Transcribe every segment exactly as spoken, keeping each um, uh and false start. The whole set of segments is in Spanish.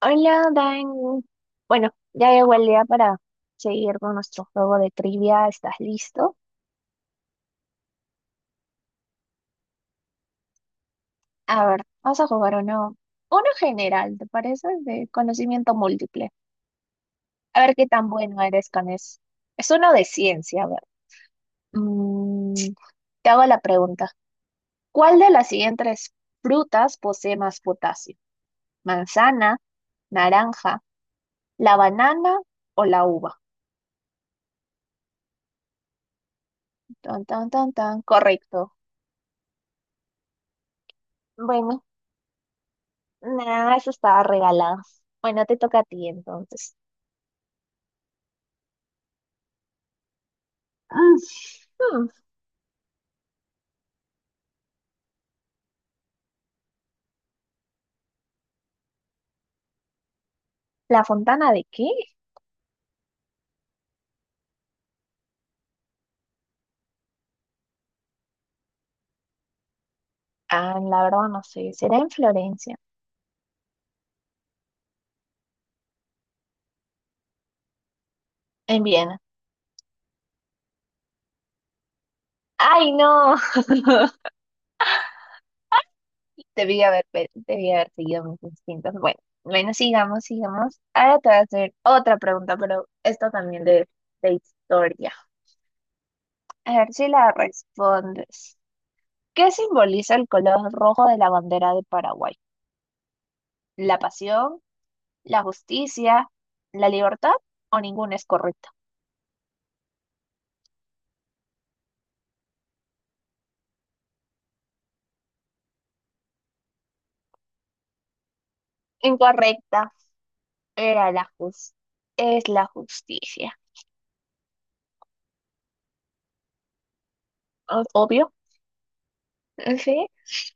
Hola, Dan. Bueno, ya llegó el día para seguir con nuestro juego de trivia. ¿Estás listo? A ver, vamos a jugar uno, uno general, ¿te parece? De conocimiento múltiple. A ver qué tan bueno eres con eso. Es uno de ciencia, a ver. Mm, Te hago la pregunta. ¿Cuál de las siguientes frutas posee más potasio? ¿Manzana, naranja, la banana o la uva? Tan, tan, tan, tan. Correcto. Bueno. Nah, eso estaba regalado. Bueno, te toca a ti entonces. Ah, Hmm, ¿La fontana de qué? Ah, la verdad no sé. ¿Será en Florencia? En Viena. ¡Ay, no! Debí haber, pe- debí haber seguido mis instintos. Bueno, bueno, sigamos, sigamos. Ahora te voy a hacer otra pregunta, pero esta también de, de historia. A ver si la respondes. ¿Qué simboliza el color rojo de la bandera de Paraguay? ¿La pasión? ¿La justicia? ¿La libertad? ¿O ninguna es correcta? Incorrecta. Era la jus- es la justicia. Ah, obvio. Sí.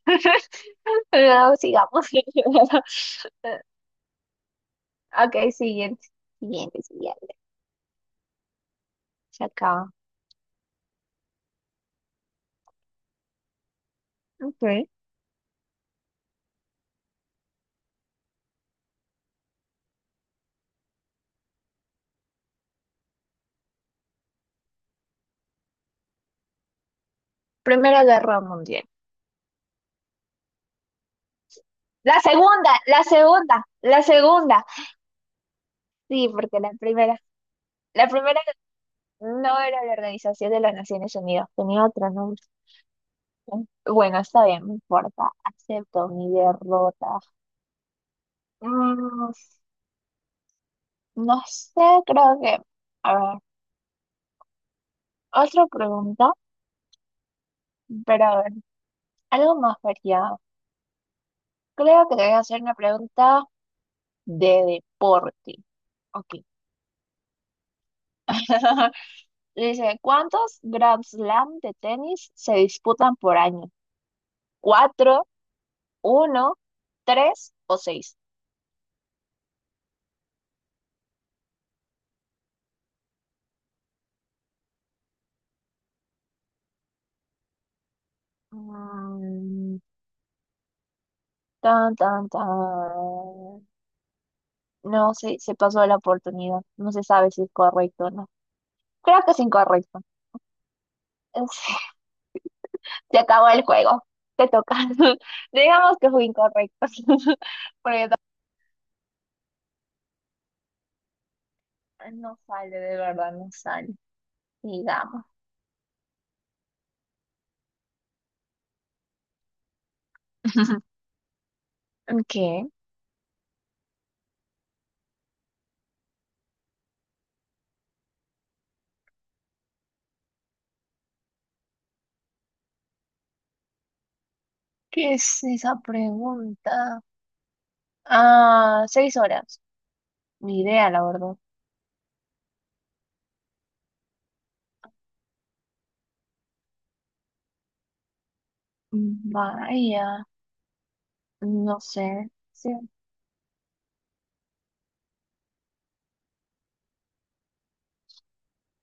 No, sigamos. Ok, siguiente. Siguiente, siguiente. Se acaba. Ok. Primera Guerra Mundial. La segunda, la segunda, la segunda. Sí, porque la primera, la primera no era la Organización de las Naciones Unidas, tenía otro nombre. Bueno, está bien, no importa. Acepto mi derrota. Mm, No sé, creo que, a ver, otra pregunta, pero a ver, algo más variado. Creo que te voy a hacer una pregunta de deporte. Ok. Dice, ¿cuántos Grand Slam de tenis se disputan por año? ¿Cuatro, uno, tres o seis? Mm, Tan, tan, tan. No sé, se pasó la oportunidad. No se sabe si es correcto o no. Creo que es incorrecto. Se acabó el juego. Te toca. Digamos que fue incorrecto. Porque no no sale, de verdad, no sale. Digamos. ¿Qué? ¿Qué es esa pregunta? Ah, seis horas. Ni idea, la verdad. Vaya, no sé. Sí.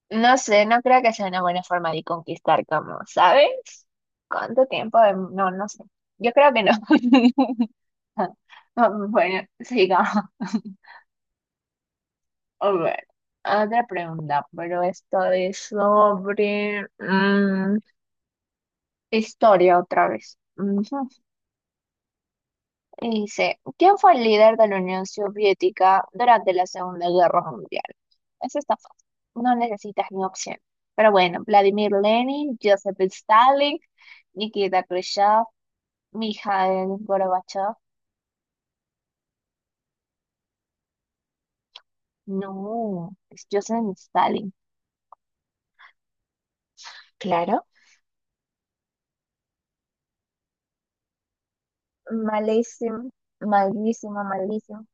No sé, no creo que sea una buena forma de conquistar, como, ¿sabes? ¿Cuánto tiempo? de- No, no sé. Yo creo que no. Bueno, sigamos. A ver, otra pregunta, pero esto es sobre mm, historia otra vez. Ujú. Y dice, ¿quién fue el líder de la Unión Soviética durante la Segunda Guerra Mundial? Eso está fácil, no necesitas ni opción. Pero bueno, Vladimir Lenin, Joseph Stalin, Nikita Khrushchev, Mikhail Gorbachev. No, es Joseph Stalin. Claro. Malísimo, malísimo, malísimo.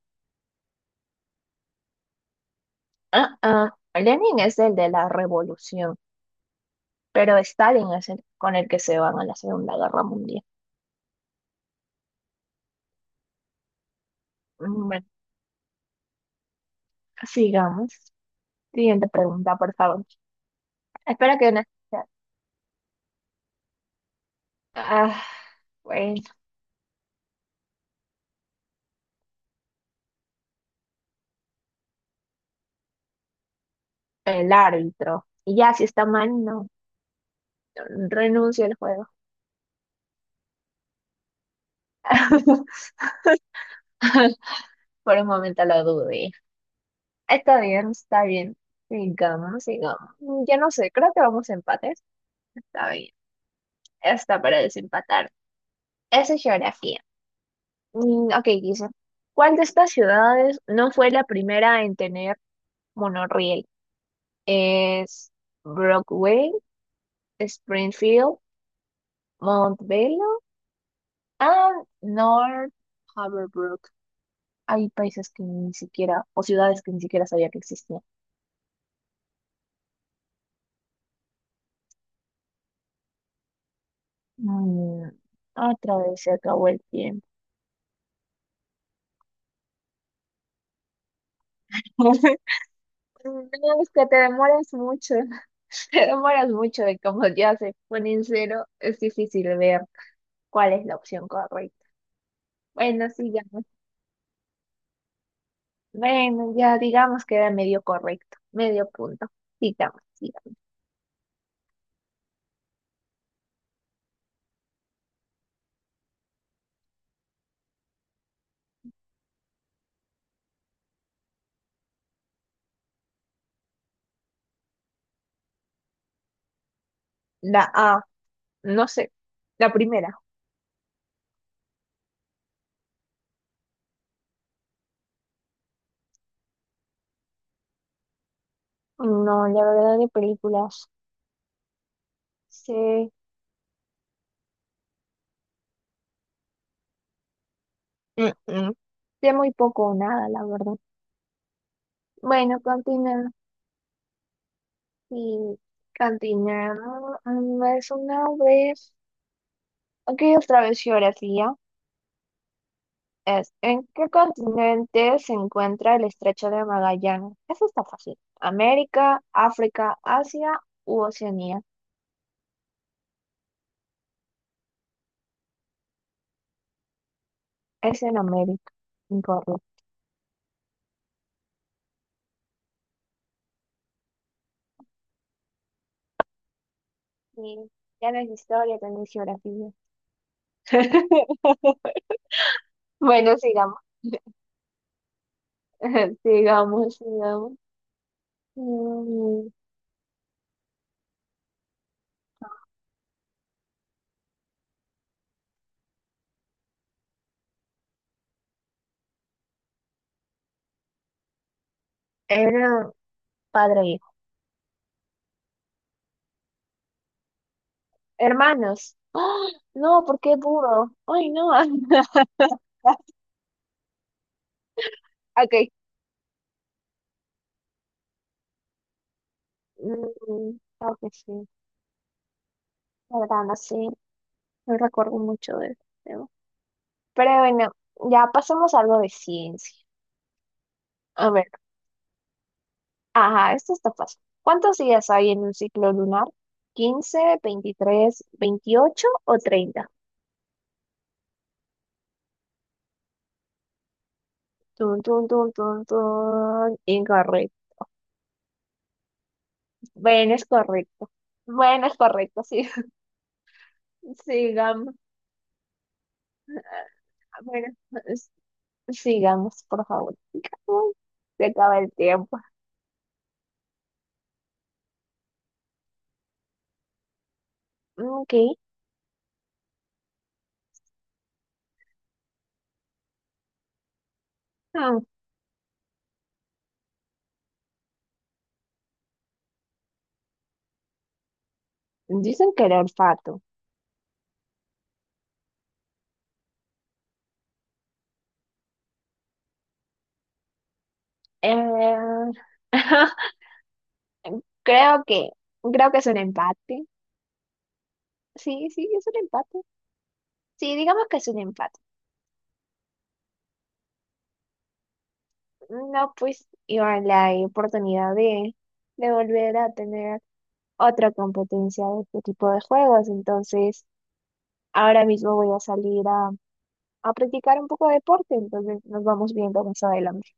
Ah, ah, Lenin es el de la revolución, pero Stalin es el con el que se van a la Segunda Guerra Mundial. Mm, Bueno, sigamos. Siguiente pregunta, por favor. Espera que no. Ah, bueno, el árbitro. Y ya, si está mal, no. Renuncio al juego. Por un momento lo dudé. Está bien, está bien. Sigamos, sigamos. Ya no sé, creo que vamos a empates. Está bien. Está para desempatar. Esa es geografía. Mm, ok, dice, ¿cuál de estas ciudades no fue la primera en tener monorriel? ¿Es Broadway, Springfield, Montbello and North Haverbrook? Hay países que ni siquiera, o ciudades que ni siquiera sabía que existían. Mm, Otra vez se acabó el tiempo. No, es que te demoras mucho, te demoras mucho y como ya se pone en cero, es difícil ver cuál es la opción correcta. Bueno, sigamos. Bueno, ya digamos que era medio correcto, medio punto. Digamos, digamos. La A, no sé, la primera. No, la verdad de películas sé, Mm, mm. sé muy poco o nada, la verdad. Bueno, continuemos. Y continuemos. Mm, Es una vez. Aquí otra vez geografía. Es, ¿en qué continente se encuentra el Estrecho de Magallanes? Eso está fácil. ¿América, África, Asia u Oceanía? Es en América, incorrecto. Sí, ya no es historia, también es geografía. Bueno, sigamos. Sigamos, sigamos. Mm, Era padre e hijo. Hermanos. ¡Ah! No, ¿por qué burro? Ay, no. Ok. Mm, creo que sí. La verdad, no sé. No recuerdo mucho de eso. Pero bueno, ya pasemos a algo de ciencia. A ver, ajá, esto está fácil. ¿Cuántos días hay en un ciclo lunar? Quince, veintitrés, veintiocho o treinta. Tun, tun, tun, tun, tun. Incorrecto. Bueno, es correcto. Bueno, es correcto, sí. Sigamos. Ah, bueno, es- sigamos, por favor. Sigamos. Se acaba el tiempo. Ok. Hmm, Dicen que el olfato. Eh, creo que, creo que es un empate. Sí, sí, es un empate. Sí, digamos que es un empate. No, pues, iba la oportunidad de, de volver a tener otra competencia de este tipo de juegos. Entonces, ahora mismo voy a salir a, a, practicar un poco de deporte. Entonces, nos vamos viendo más adelante.